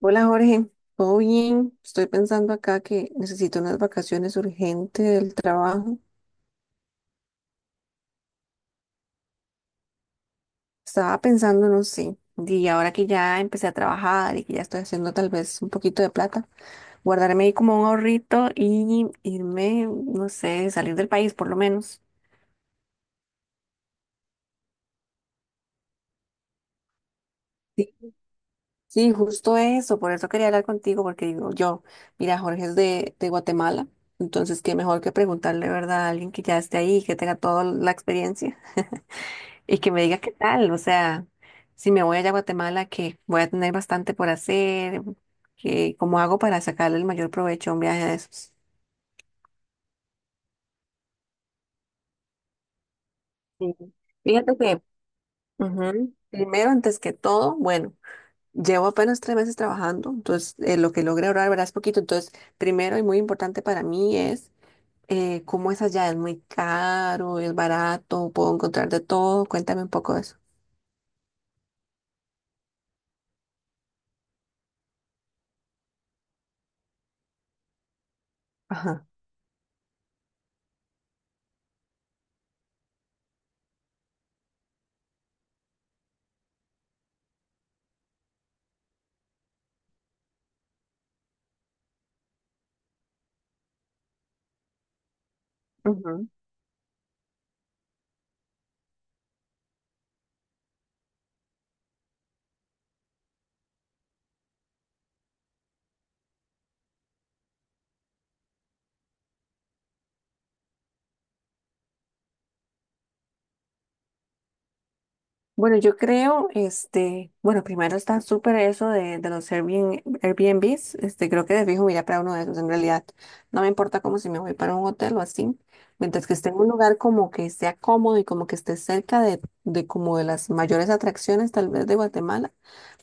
Hola Jorge, ¿todo bien? Estoy pensando acá que necesito unas vacaciones urgentes del trabajo. Estaba pensando, no sé, y ahora que ya empecé a trabajar y que ya estoy haciendo tal vez un poquito de plata, guardarme ahí como un ahorrito y irme, no sé, salir del país por lo menos. Sí, sí, justo eso, por eso quería hablar contigo, porque digo yo, mira, Jorge es de Guatemala, entonces qué mejor que preguntarle, ¿verdad?, a alguien que ya esté ahí, que tenga toda la experiencia. Y que me diga qué tal, o sea, si me voy allá a Guatemala, que voy a tener bastante por hacer, que cómo hago para sacarle el mayor provecho a un viaje de esos. Sí. Fíjate que, ujú, primero, antes que todo, bueno, llevo apenas 3 meses trabajando, entonces lo que logré ahorrar, verás, poquito. Entonces, primero y muy importante para mí es cómo es allá, ¿es muy caro, es barato, puedo encontrar de todo? Cuéntame un poco de eso. Ajá. Bueno, yo creo, este, bueno, primero está súper eso de los Airbnb, Airbnbs, este, creo que de fijo me iría para uno de esos en realidad. No me importa como si me voy para un hotel o así, mientras que esté en un lugar como que sea cómodo y como que esté cerca de como de las mayores atracciones tal vez de Guatemala,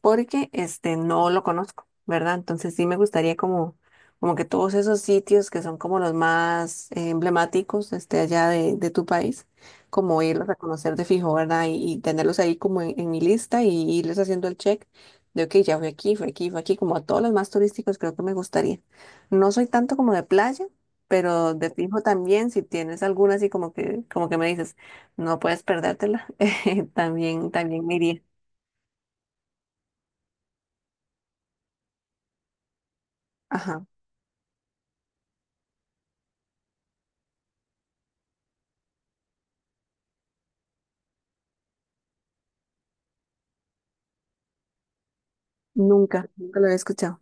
porque este, no lo conozco, ¿verdad? Entonces sí me gustaría como, como que todos esos sitios que son como los más emblemáticos, este, allá de tu país como ir a reconocer de fijo, ¿verdad? Y tenerlos ahí como en mi lista y irles haciendo el check de, ok, ya fui aquí, fui aquí, fui aquí, como a todos los más turísticos creo que me gustaría. No soy tanto como de playa, pero de fijo también, si tienes alguna así como que me dices, no puedes perdértela, también, también me iría. Ajá, nunca, nunca lo había escuchado.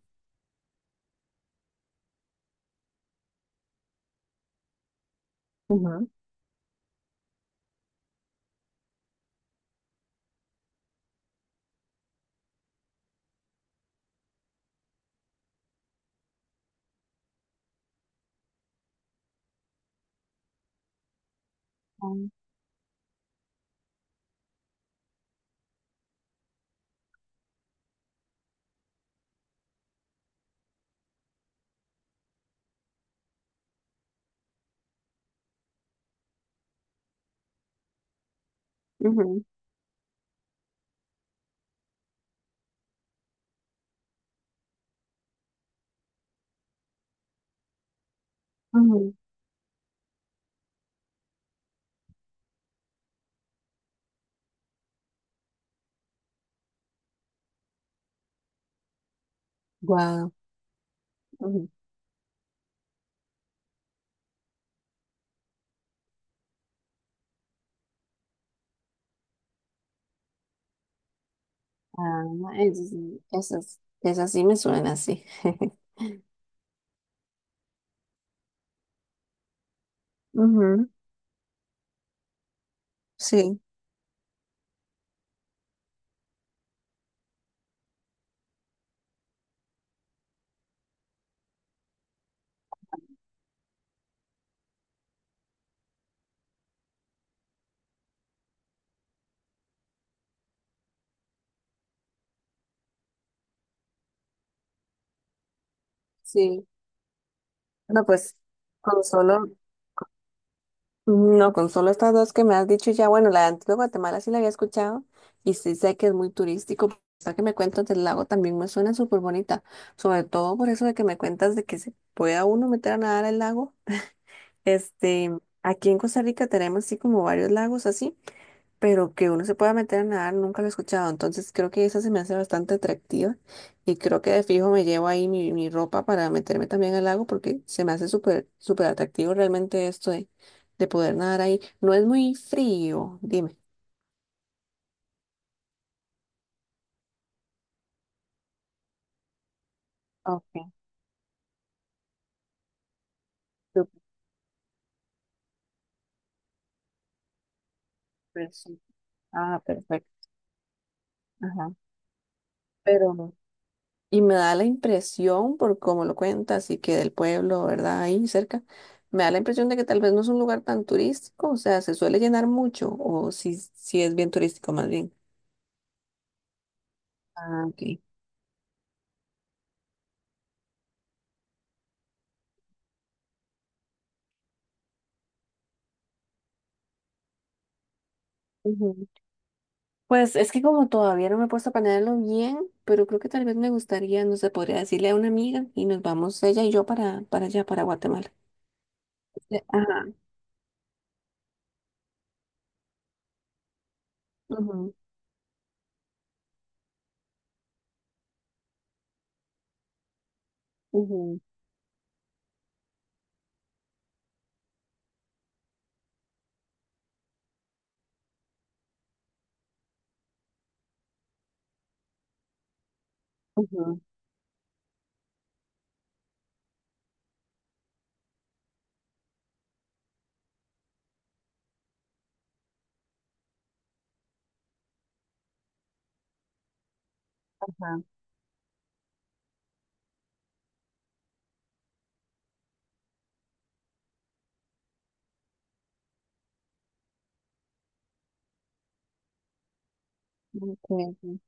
Ujú. Ujú, ujú. Guau. Ujú. Ah, eso sí, esas, esas sí me suenan así. Ujú. Sí. Sí, no, pues con solo, no, con solo estas dos que me has dicho ya, bueno, la de Antigua Guatemala sí la había escuchado y sí sé que es muy turístico, pero esta que me cuentas del lago también me suena súper bonita, sobre todo por eso de que me cuentas de que se pueda uno meter a nadar al lago. Este, aquí en Costa Rica tenemos así como varios lagos así. Pero que uno se pueda meter a nadar, nunca lo he escuchado. Entonces creo que esa se me hace bastante atractiva y creo que de fijo me llevo ahí mi, mi ropa para meterme también al lago porque se me hace súper, súper atractivo realmente esto de poder nadar ahí. No es muy frío, dime. Ok, súper, súper. Ah, perfecto. Ajá. Pero y me da la impresión, por cómo lo cuentas, y que del pueblo, ¿verdad? Ahí cerca, me da la impresión de que tal vez no es un lugar tan turístico, o sea, ¿se suele llenar mucho, o si, si es bien turístico más bien? Ah, ok. Ujú. Pues es que como todavía no me he puesto a planearlo bien, pero creo que tal vez me gustaría, no sé, podría decirle a una amiga y nos vamos ella y yo para allá, para Guatemala. Ajá. Ujú, ujú, ujú, ajá, ok, ok,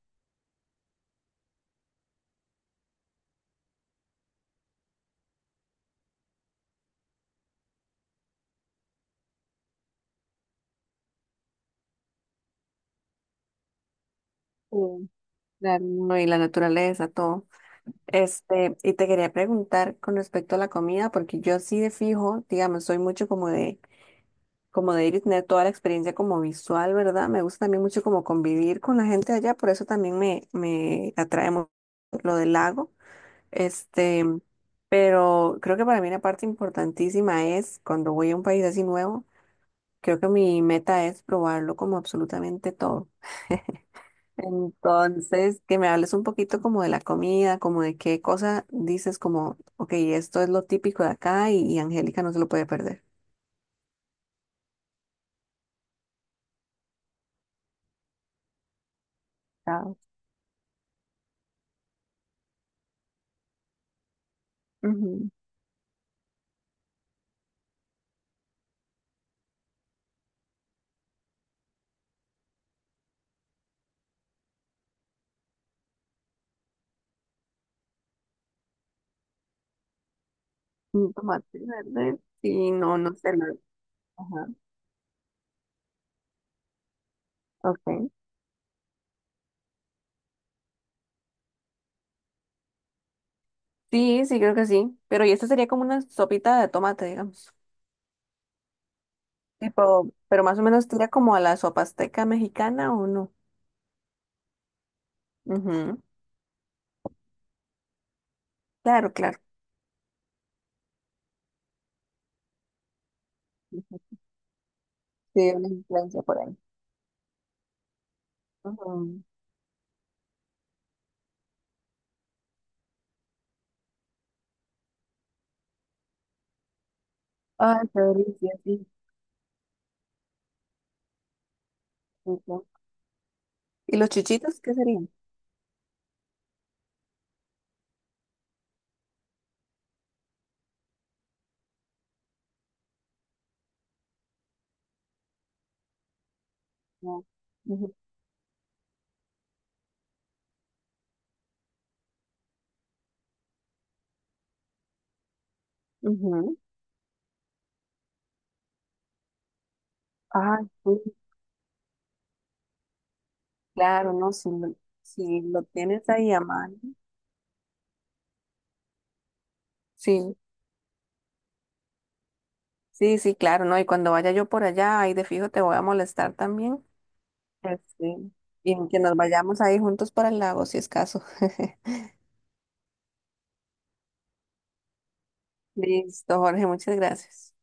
sí, claro, no, y la naturaleza, todo. Este, y te quería preguntar con respecto a la comida, porque yo sí de fijo, digamos, soy mucho como de ir y tener toda la experiencia como visual, ¿verdad? Me gusta también mucho como convivir con la gente allá, por eso también me atrae mucho lo del lago. Este, pero creo que para mí una parte importantísima es cuando voy a un país así nuevo, creo que mi meta es probarlo como absolutamente todo. Entonces, que me hables un poquito como de la comida, como de qué cosa dices, como, ok, esto es lo típico de acá y Angélica no se lo puede perder. Ah, ujú. Mm, tomate verde. Sí, no, no sé. La- ajá. Okay. Sí, sí, creo que sí. Pero y esta sería como una sopita de tomate, digamos. Tipo, pero más o menos tira como a la sopa azteca mexicana o no. Ujú. Claro, claro. Ujú. Sí, una influencia por ahí. Ujú. Ay, qué delicia, sí. Ujú. ¿Y los chichitos qué serían? Ujú, ujú. Ah, sí, claro, no, si lo, si lo tienes ahí a mano. Sí, sí, sí, claro, no. Y cuando vaya yo por allá, ahí de fijo te voy a molestar también. Este, y que nos vayamos ahí juntos para el lago, si es caso. Listo, Jorge, muchas gracias.